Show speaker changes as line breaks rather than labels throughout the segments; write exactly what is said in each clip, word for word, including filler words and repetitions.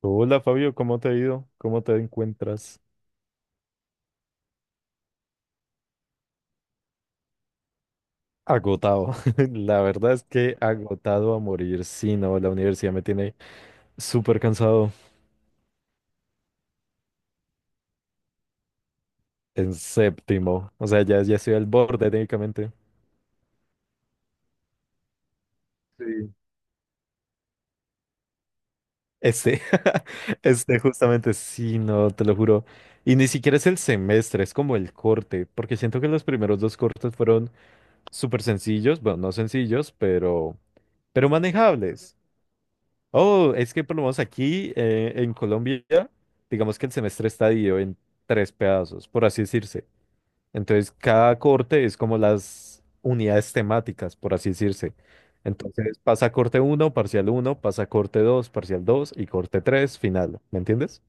Hola Fabio, ¿cómo te ha ido? ¿Cómo te encuentras? Agotado. La verdad es que agotado a morir. Sí, no, la universidad me tiene súper cansado en séptimo. O sea, ya, ya estoy al borde técnicamente. Sí. Este, este justamente, sí, no, te lo juro. Y ni siquiera es el semestre, es como el corte, porque siento que los primeros dos cortes fueron súper sencillos, bueno, no sencillos, pero, pero manejables. Oh, es que por lo menos aquí eh, en Colombia, digamos que el semestre está dividido en tres pedazos, por así decirse. Entonces, cada corte es como las unidades temáticas, por así decirse. Entonces, pasa corte uno, parcial uno, pasa corte dos, parcial dos y corte tres, final. ¿Me entiendes?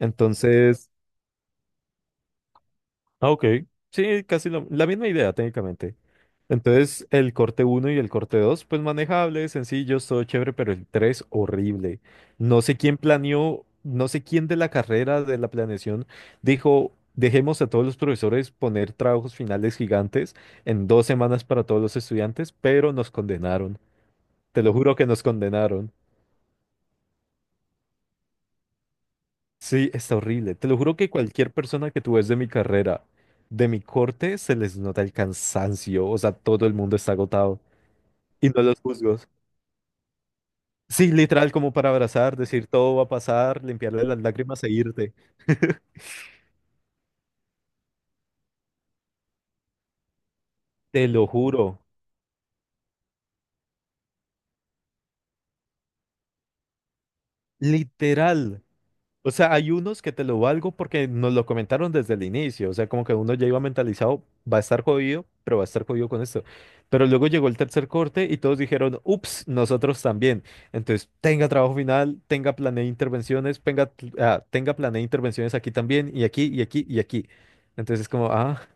Entonces, ah, ok. Sí, casi lo- la misma idea técnicamente. Entonces, el corte uno y el corte dos, pues manejables, sencillos, todo chévere, pero el tres horrible. No sé quién planeó, no sé quién de la carrera de la planeación dijo, dejemos a todos los profesores poner trabajos finales gigantes en dos semanas para todos los estudiantes, pero nos condenaron. Te lo juro que nos condenaron. Sí, está horrible. Te lo juro que cualquier persona que tú ves de mi carrera, de mi corte, se les nota el cansancio. O sea, todo el mundo está agotado. Y no los juzgo. Sí, literal, como para abrazar, decir todo va a pasar, limpiarle las lágrimas e irte. Te lo juro. Literal. O sea, hay unos que te lo valgo porque nos lo comentaron desde el inicio. O sea, como que uno ya iba mentalizado, va a estar jodido, pero va a estar jodido con esto. Pero luego llegó el tercer corte y todos dijeron, ups, nosotros también. Entonces, tenga trabajo final, tenga planeé intervenciones, tenga, ah, tenga planeé intervenciones aquí también, y aquí, y aquí, y aquí. Entonces, como, ah,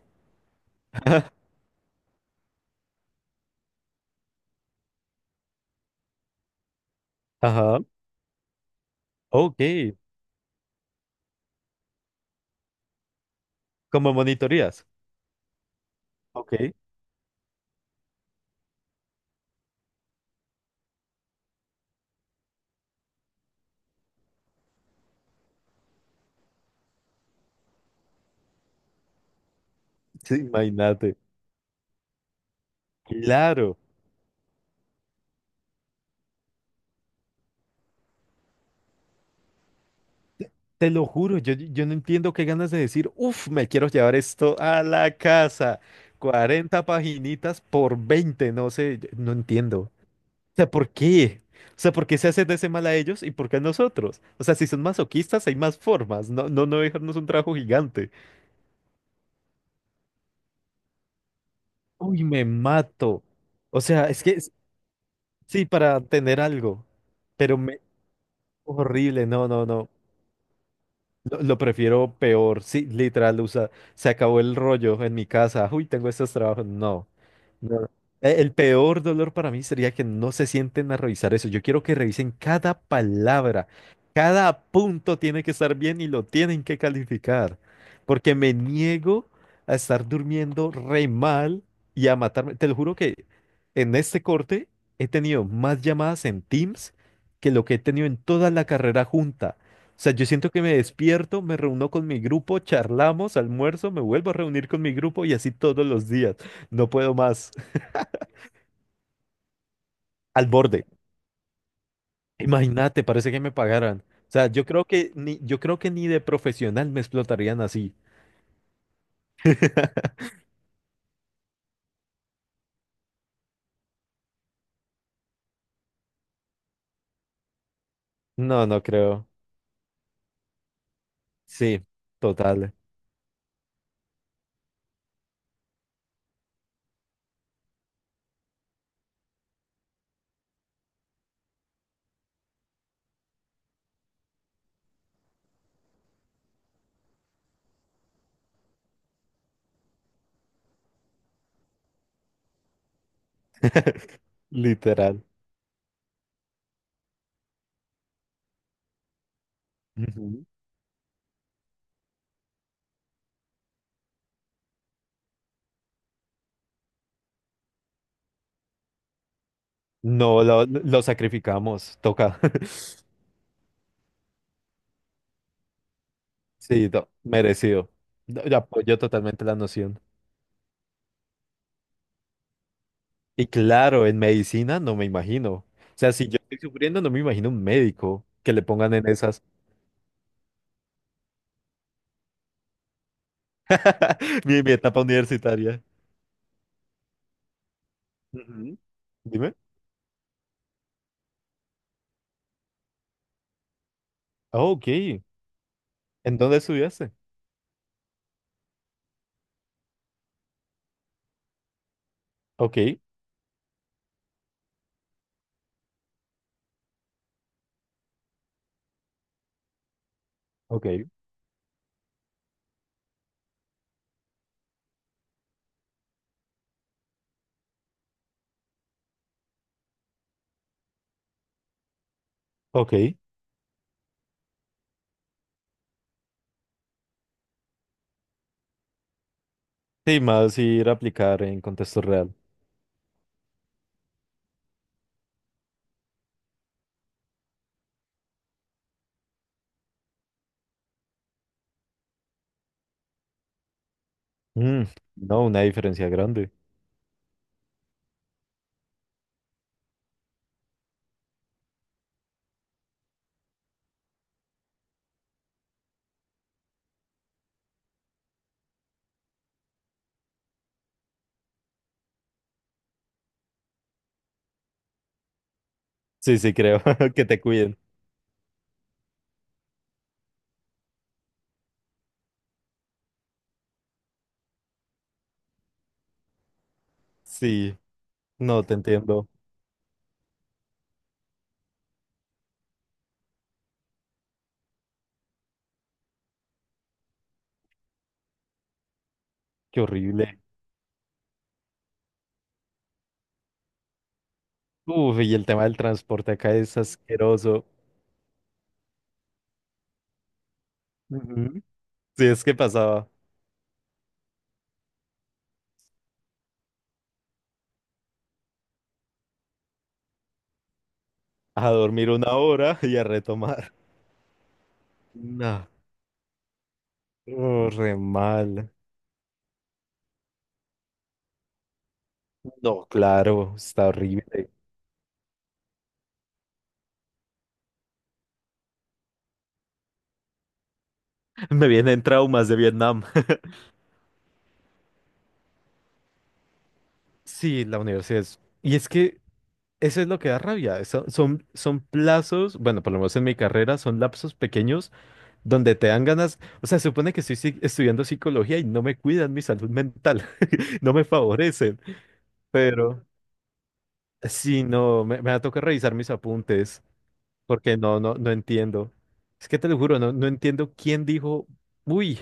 ajá, ok, como monitorías. Ok, sí, imagínate. Claro. Te lo juro, yo, yo no entiendo qué ganas de decir, uff, me quiero llevar esto a la casa. Cuarenta paginitas por veinte, no sé, yo no entiendo. O sea, ¿por qué? O sea, ¿por qué se hace de ese mal a ellos y por qué a nosotros? O sea, si son masoquistas, hay más formas, no, no, no dejarnos un trabajo gigante. Uy, me mato. O sea, es que s- sí, para tener algo, pero me... Horrible, no, no, no. Lo, lo prefiero peor, sí, literal, usa, se acabó el rollo en mi casa, uy, tengo estos trabajos, no, no. E- El peor dolor para mí sería que no se sienten a revisar eso, yo quiero que revisen cada palabra, cada punto tiene que estar bien y lo tienen que calificar, porque me niego a estar durmiendo re mal y a matarme, te lo juro que en este corte he tenido más llamadas en Teams que lo que he tenido en toda la carrera junta. O sea, yo siento que me despierto, me reúno con mi grupo, charlamos, almuerzo, me vuelvo a reunir con mi grupo y así todos los días. No puedo más. Al borde. Imagínate, parece que me pagaran. O sea, yo creo que ni, yo creo que ni de profesional me explotarían así. No, no creo. Sí, total, literal. Ujú. No, lo, lo sacrificamos, toca. Sí, no, merecido. No, yo apoyo totalmente la noción. Y claro, en medicina no me imagino. O sea, si yo estoy sufriendo, no me imagino un médico que le pongan en esas. Mi, mi etapa universitaria. Ujú. Dime. Ah, ok. ¿En dónde estudiaste? Ok, ok, ok. Sí, más ir a aplicar en contexto real. Mm, no, una diferencia grande. Sí, sí, creo que te cuiden. Sí, no, te entiendo. Qué horrible. Uf, y el tema del transporte acá es asqueroso. Ujú. Sí, es que pasaba. A dormir una hora y a retomar. No, oh, re mal. No. Claro, está horrible. Me vienen traumas de Vietnam. Sí, la universidad es... Y es que eso es lo que da rabia. Eso- son, son plazos, bueno, por lo menos en mi carrera, son lapsos pequeños donde te dan ganas. O sea, se supone que estoy si- estudiando psicología y no me cuidan mi salud mental, no me favorecen. Pero sí, no, me, me va a tocar revisar mis apuntes. Porque no, no, no entiendo. Es que te lo juro, no, no entiendo quién dijo, uy,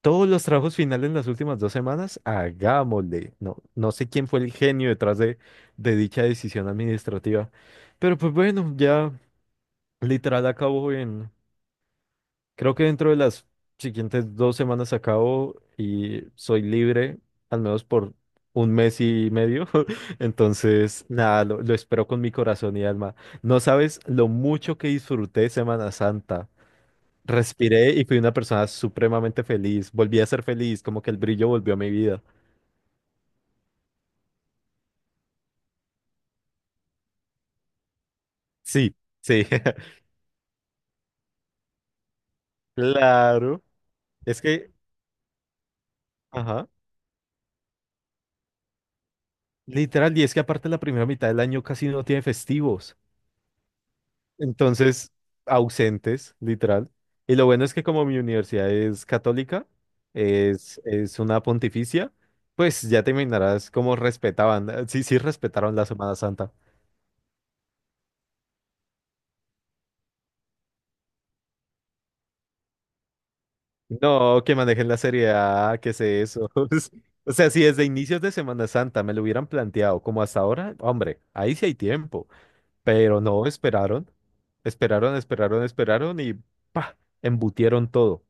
todos los trabajos finales en las últimas dos semanas, hagámosle. No, no sé quién fue el genio detrás de, de dicha decisión administrativa. Pero pues bueno, ya literal acabó en, creo que dentro de las siguientes dos semanas acabo y soy libre, al menos por un mes y medio. Entonces, nada, lo, lo espero con mi corazón y alma. No sabes lo mucho que disfruté Semana Santa. Respiré y fui una persona supremamente feliz. Volví a ser feliz, como que el brillo volvió a mi vida. Sí, sí, claro. Es que, ajá, literal, y es que aparte la primera mitad del año casi no tiene festivos. Entonces, ausentes, literal. Y lo bueno es que como mi universidad es católica, es, es una pontificia, pues ya te imaginarás cómo respetaban, eh, sí, sí respetaron la Semana Santa. No, que manejen la seriedad, que sé eso. O sea, si desde inicios de Semana Santa me lo hubieran planteado como hasta ahora, hombre, ahí sí hay tiempo. Pero no, esperaron, esperaron, esperaron, esperaron y pa, embutieron todo.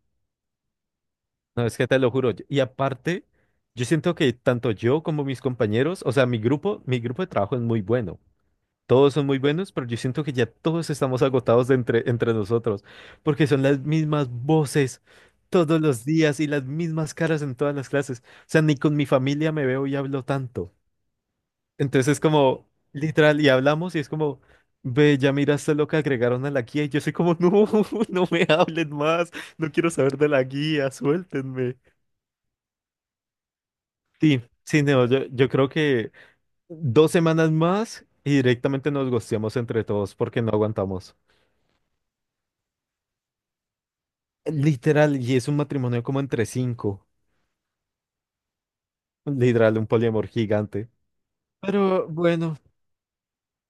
No, es que te lo juro. yo- Y aparte, yo siento que tanto yo como mis compañeros, o sea, mi grupo, mi grupo de trabajo es muy bueno. Todos son muy buenos, pero yo siento que ya todos estamos agotados de entre, entre nosotros, porque son las mismas voces todos los días y las mismas caras en todas las clases. O sea, ni con mi familia me veo y hablo tanto. Entonces es como, literal, y hablamos y es como, ve, ya miraste lo que agregaron a la guía y yo soy como, no, no me hablen más, no quiero saber de la guía, suéltenme. Sí, sí, no, yo, yo creo que dos semanas más y directamente nos gosteamos entre todos porque no aguantamos. Literal, y es un matrimonio como entre cinco. Literal, un poliamor gigante. Pero bueno,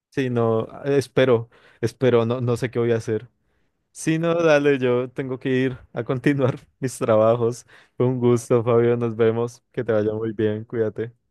sí, no, espero, espero, no, no sé qué voy a hacer. Sí, no, dale, yo tengo que ir a continuar mis trabajos. Fue un gusto, Fabio, nos vemos. Que te vaya muy bien, cuídate.